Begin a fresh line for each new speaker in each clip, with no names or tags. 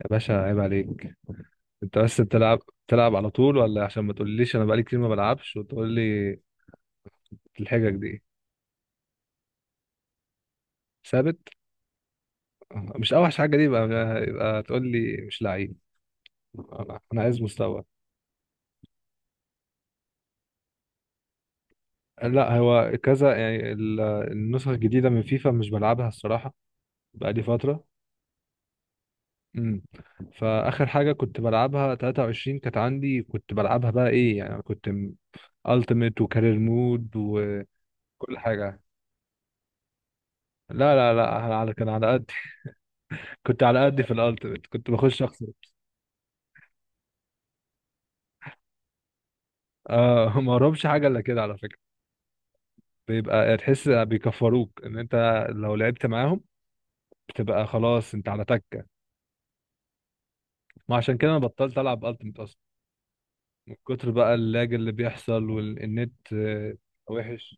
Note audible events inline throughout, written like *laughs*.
يا باشا عيب عليك. انت بس بتلعب على طول، ولا عشان ما تقوليش انا بقالي كتير ما بلعبش وتقول لي الحجج دي؟ ثابت. مش اوحش حاجه دي؟ يبقى تقول لي مش لعيب. انا عايز مستوى. لا، هو كذا يعني النسخ الجديده من فيفا مش بلعبها الصراحه، بقالي فتره. امم فاخر حاجه كنت بلعبها 23، كانت عندي كنت بلعبها، بقى ايه يعني كنت التيميت وكارير مود وكل حاجه. لا لا لا. على كان على قد، كنت على قدي في الالتيميت كنت بخش اخسر. آه *laughs* ما اهربش حاجه الا كده على فكره. بيبقى تحس بيكفروك ان انت لو لعبت معاهم، بتبقى خلاص انت على تكه. ما عشان كده انا بطلت العب التيميت اصلا، من كتر بقى اللاج اللي بيحصل والنت آه، وحش.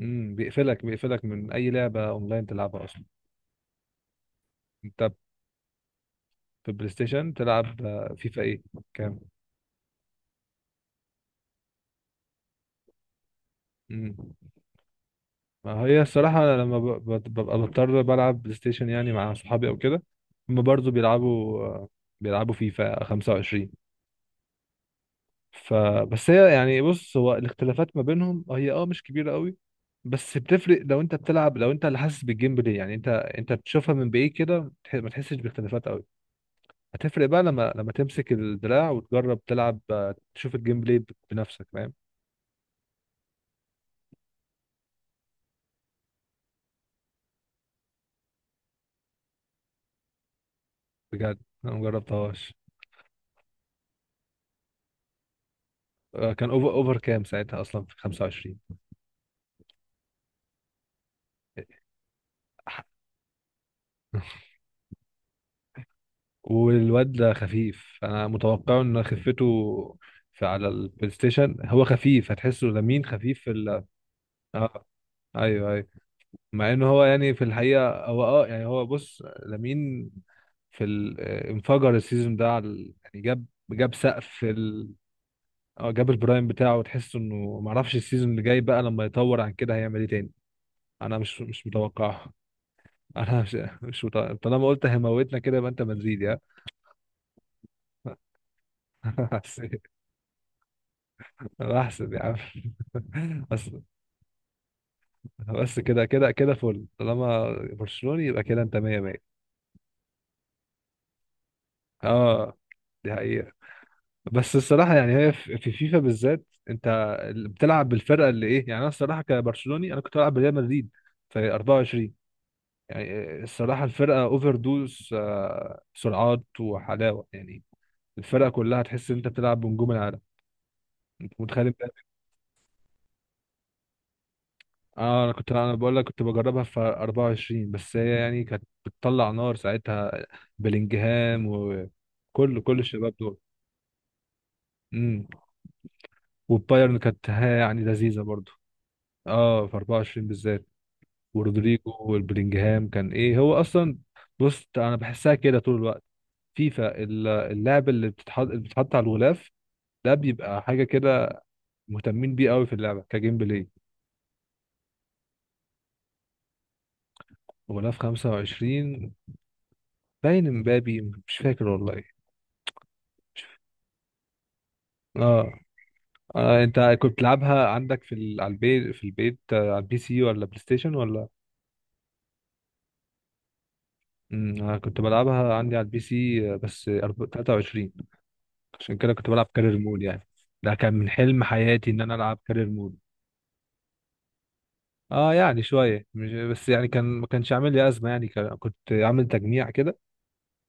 بيقفلك من اي لعبه اونلاين تلعبها اصلا. انت في بلاي ستيشن تلعب آه، فيفا ايه؟ كام؟ امم. ما هي الصراحة أنا لما ببقى بضطر بلعب بلاي ستيشن يعني مع صحابي أو كده، هما برضه بيلعبوا فيفا 25. فبس هي يعني بص، هو الاختلافات ما بينهم هي اه مش كبيرة قوي، بس بتفرق لو انت بتلعب، لو انت اللي حاسس بالجيم بلاي. يعني انت بتشوفها من بعيد كده ما تحسش باختلافات قوي. هتفرق بقى لما تمسك الدراع وتجرب تلعب آه، تشوف الجيم بلاي بنفسك، فاهم؟ بجد؟ انا مجربتهاش. آه، كان اوفر كام ساعتها اصلا في 25؟ والواد ده خفيف، انا متوقع ان خفته في على البلاي ستيشن هو خفيف، هتحسه لمين خفيف في ال... اه. ايوه ايوه. مع ان هو يعني في الحقيقه هو اه يعني هو بص لمين في ال... آه، انفجر السيزون ده على يعني جاب سقف ال... اه، جاب البرايم بتاعه، وتحس انه معرفش السيزون اللي جاي بقى لما يطور عن كده هيعمل ايه تاني. انا مش متوقعه *laughs* انا مش مش متوقع. طالما قلت هيموتنا كده يبقى انت مدريد يا... *laughs* انا احسن يا عم. *laughs* بس. بس كده كده كده فل، طالما برشلوني يبقى كده انت مية مية. اه، دي حقيقة. بس الصراحة يعني هي في فيفا بالذات، انت اللي بتلعب بالفرقة اللي ايه، يعني انا الصراحة كبرشلوني انا كنت بلعب بريال مدريد في 24. يعني الصراحة الفرقة اوفر دوز آه، سرعات وحلاوة، يعني الفرقة كلها تحس ان انت بتلعب بنجوم العالم. انت متخيل؟ اه، انا كنت انا بقول لك كنت بجربها في 24، بس هي يعني كانت بتطلع نار ساعتها، بلينجهام وكل الشباب دول. امم. والبايرن كانت ها يعني لذيذه برضو. اه في 24 بالذات، ورودريجو والبلينجهام كان ايه هو اصلا. بص انا بحسها كده طول الوقت، فيفا اللعب اللي بتتحط على الغلاف ده بيبقى حاجه كده مهتمين بيه قوي في اللعبه كجيم بلاي. غلاف 25 باين امبابي، مش فاكر والله. اه. آه، انت كنت بتلعبها عندك في ال... على البيت، في البيت آه، على البي سي ولا بلاي ستيشن ولا؟ امم. انا كنت بلعبها عندي على البي سي آه، بس 23، عشان كده كنت بلعب كارير مود يعني. ده كان من حلم حياتي ان انا العب كارير مود. اه يعني شويه، مش بس يعني كان، ما كانش عامل لي ازمه يعني كان... كنت عامل تجميع كده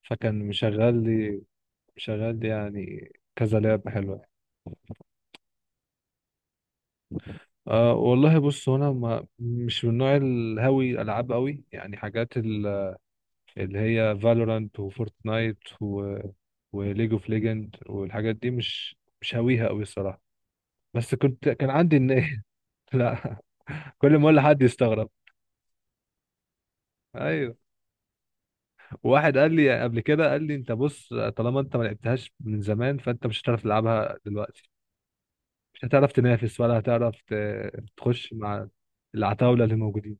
فكان مشغل لي، يعني كذا لعبه حلوه يعني. آه والله، بص هو انا ما مش من نوع الهاوي العاب قوي يعني، حاجات اللي هي فالورانت وفورتنايت و... وليج اوف ليجند والحاجات دي مش هاويها قوي الصراحه، بس كان عندي النية. *laughs* لا. كل ما اقول لحد يستغرب. ايوه، واحد قال لي قبل كده، قال لي انت بص، طالما انت ما لعبتهاش من زمان فانت مش هتعرف تلعبها دلوقتي، مش هتعرف تنافس ولا هتعرف تخش مع العتاوله اللي موجودين.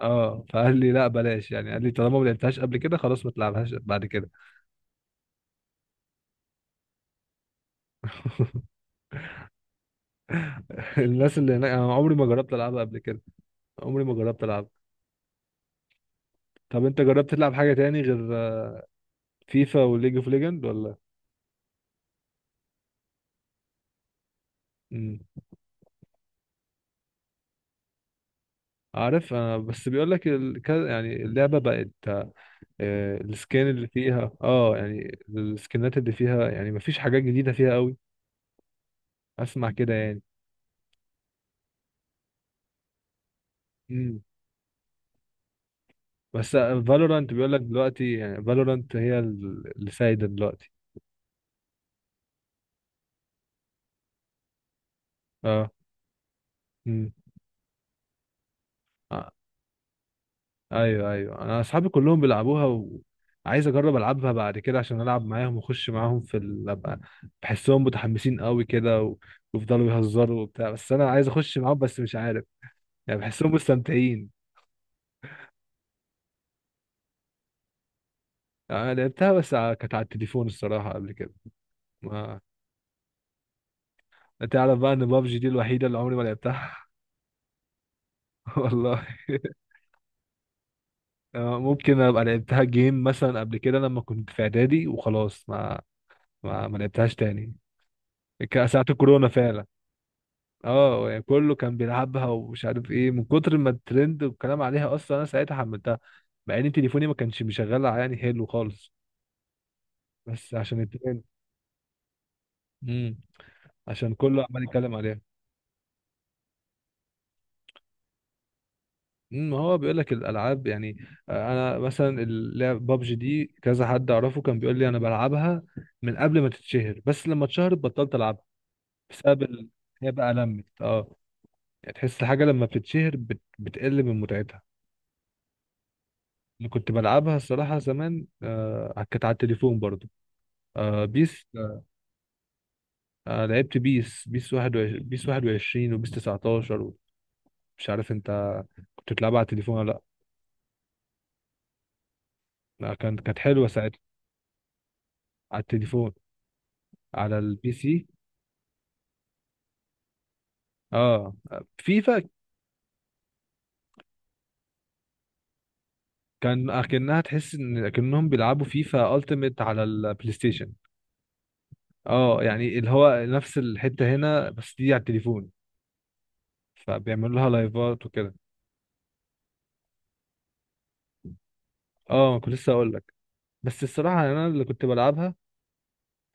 اه فقال لي لا بلاش يعني، قال لي طالما ما لعبتهاش قبل كده خلاص ما تلعبهاش بعد كده. *laughs* الناس اللي هناك انا عمري ما جربت العبها قبل كده، عمري ما جربت العب. طب انت جربت تلعب حاجه تاني غير فيفا وليج اوف ليجند ولا؟ امم. عارف، انا بس بيقول لك ال... يعني اللعبه بقت آه، السكين اللي فيها اه يعني السكنات اللي فيها، يعني مفيش حاجات جديده فيها قوي. اسمع كده يعني. امم. بس فالورانت بيقول لك دلوقتي، يعني فالورانت هي اللي سايده دلوقتي. اه. امم. ايوه ايوه، انا اصحابي كلهم بيلعبوها، وعايز اجرب العبها بعد كده عشان العب معاهم واخش معاهم في ال... ابقى بحسهم متحمسين قوي كده و... ويفضلوا يهزروا وبتاع، بس انا عايز اخش معاهم بس مش عارف، يعني بحسهم مستمتعين. آه، انا لعبتها بس كانت على التليفون الصراحه قبل كده. ما تعرف بقى ان بابجي دي الوحيده اللي عمري ما لعبتها؟ *laughs* والله. آه، ممكن ابقى لعبتها جيم مثلا قبل كده لما كنت في اعدادي، وخلاص ما ما لعبتهاش تاني. كان ساعة الكورونا فعلا. اه يعني كله كان بيلعبها ومش عارف ايه، من كتر ما الترند والكلام عليها اصلا انا ساعتها حملتها، مع ان تليفوني ما كانش مشغل يعني حلو خالص، بس عشان الترند. امم. عشان كله عمال يتكلم عليها. امم. ما هو بيقول لك الالعاب يعني آه، انا مثلا اللعب بابجي دي كذا حد اعرفه كان بيقول لي انا بلعبها من قبل ما تتشهر، بس لما اتشهرت بطلت العبها بسبب ال... هي بقى لمت اه، يعني تحس الحاجه لما بتتشهر بتقل من متعتها. اللي كنت بلعبها الصراحة زمان آه كانت على التليفون برضو، آه، بيس. آه لعبت بيس، بيس واحد بيس 21 وبيس 19. مش عارف انت كنت بتلعبها على التليفون ولا لأ. لا كانت كانت حلوة ساعتها. على التليفون، على البي سي. اه، فيفا. كان أكنها تحس إن أكنهم بيلعبوا فيفا ألتيميت على البلاي ستيشن. اه يعني اللي هو نفس الحتة هنا بس دي على التليفون، فبيعملوا لها لايفات وكده. اه كنت لسه اقول لك. بس الصراحه انا اللي كنت بلعبها.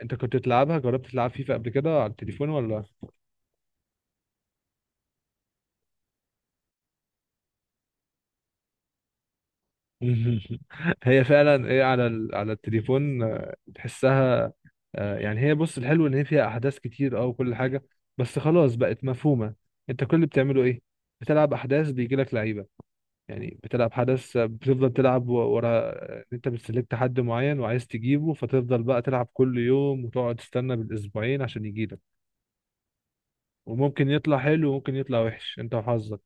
انت كنت بتلعبها، جربت تلعب فيفا قبل كده على التليفون ولا؟ *laughs* هي فعلا ايه على ال... على التليفون آه، تحسها آه، يعني هي بص، الحلو ان هي فيها احداث كتير اه وكل حاجه، بس خلاص بقت مفهومه. انت كل اللي بتعمله ايه؟ بتلعب احداث بيجي لك لعيبه، يعني بتلعب حدث آه، بتفضل تلعب ورا آه، انت بتسلكت حد معين وعايز تجيبه، فتفضل بقى تلعب كل يوم وتقعد تستنى بالاسبوعين عشان يجيلك، وممكن يطلع حلو وممكن يطلع وحش، انت وحظك.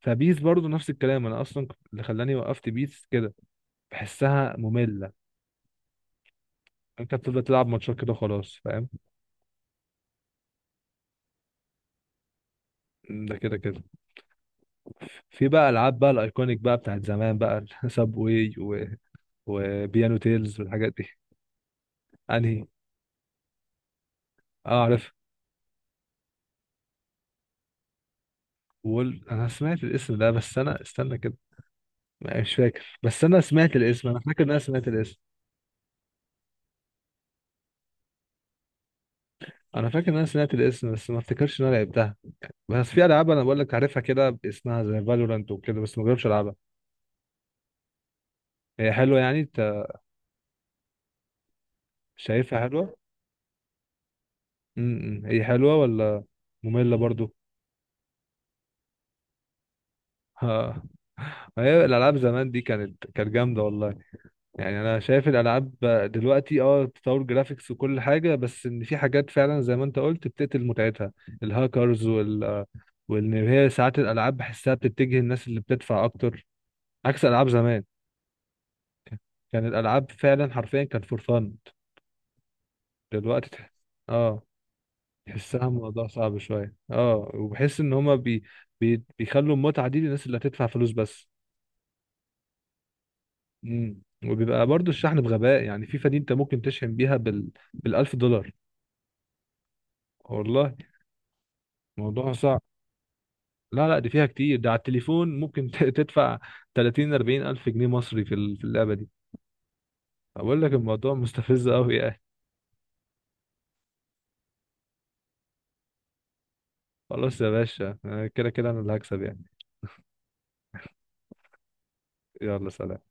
فبيس برضو نفس الكلام، انا اصلا اللي خلاني وقفت بيس كده، بحسها ممله. انت بتفضل تلعب ماتشات كده خلاص، فاهم؟ ده كده كده. في بقى العاب بقى الايكونيك بقى بتاعت زمان بقى *laughs* ساب واي و... وبيانو تيلز والحاجات دي. انهي؟ اه عارف. وول، انا سمعت الاسم ده بس انا استنى كده، مش فاكر، بس انا سمعت الاسم، انا فاكر ان انا سمعت الاسم. انا فاكر ان انا سمعت الاسم بس ما افتكرش ان انا لعبتها، بس في العاب انا بقول لك عارفها كده باسمها زي فالورانت وكده بس ما جربتش العبها. هي حلوه يعني، شايفها حلوة. امم، هي حلوة ولا مملة برضو؟ *laughs* ها. ما هي الألعاب زمان دي كانت كانت جامدة والله، يعني أنا شايف الألعاب دلوقتي اه تطور جرافيكس وكل حاجة، بس إن في حاجات فعلا زي ما أنت قلت بتقتل متعتها، الهاكرز وال... وإن هي ساعات الألعاب بحسها بتتجه الناس اللي بتدفع أكتر، عكس ألعاب زمان. كان الألعاب فعلا حرفيا كان فور فن، دلوقتي اه تحسها موضوع صعب شوية اه، وبحس ان هما بيخلوا المتعة دي للناس اللي هتدفع فلوس بس. مم. وبيبقى برضو الشحن بغباء، يعني في فدي انت ممكن تشحن بيها بال... بالألف دولار. والله. موضوع صعب. لا لا، دي فيها كتير، ده على التليفون ممكن تدفع 30 40 ألف جنيه مصري في في اللعبة دي. أقول لك الموضوع مستفز أوي يعني. خلاص يا باشا آه، كده كده أنا اللي هكسب يعني. يلا سلام.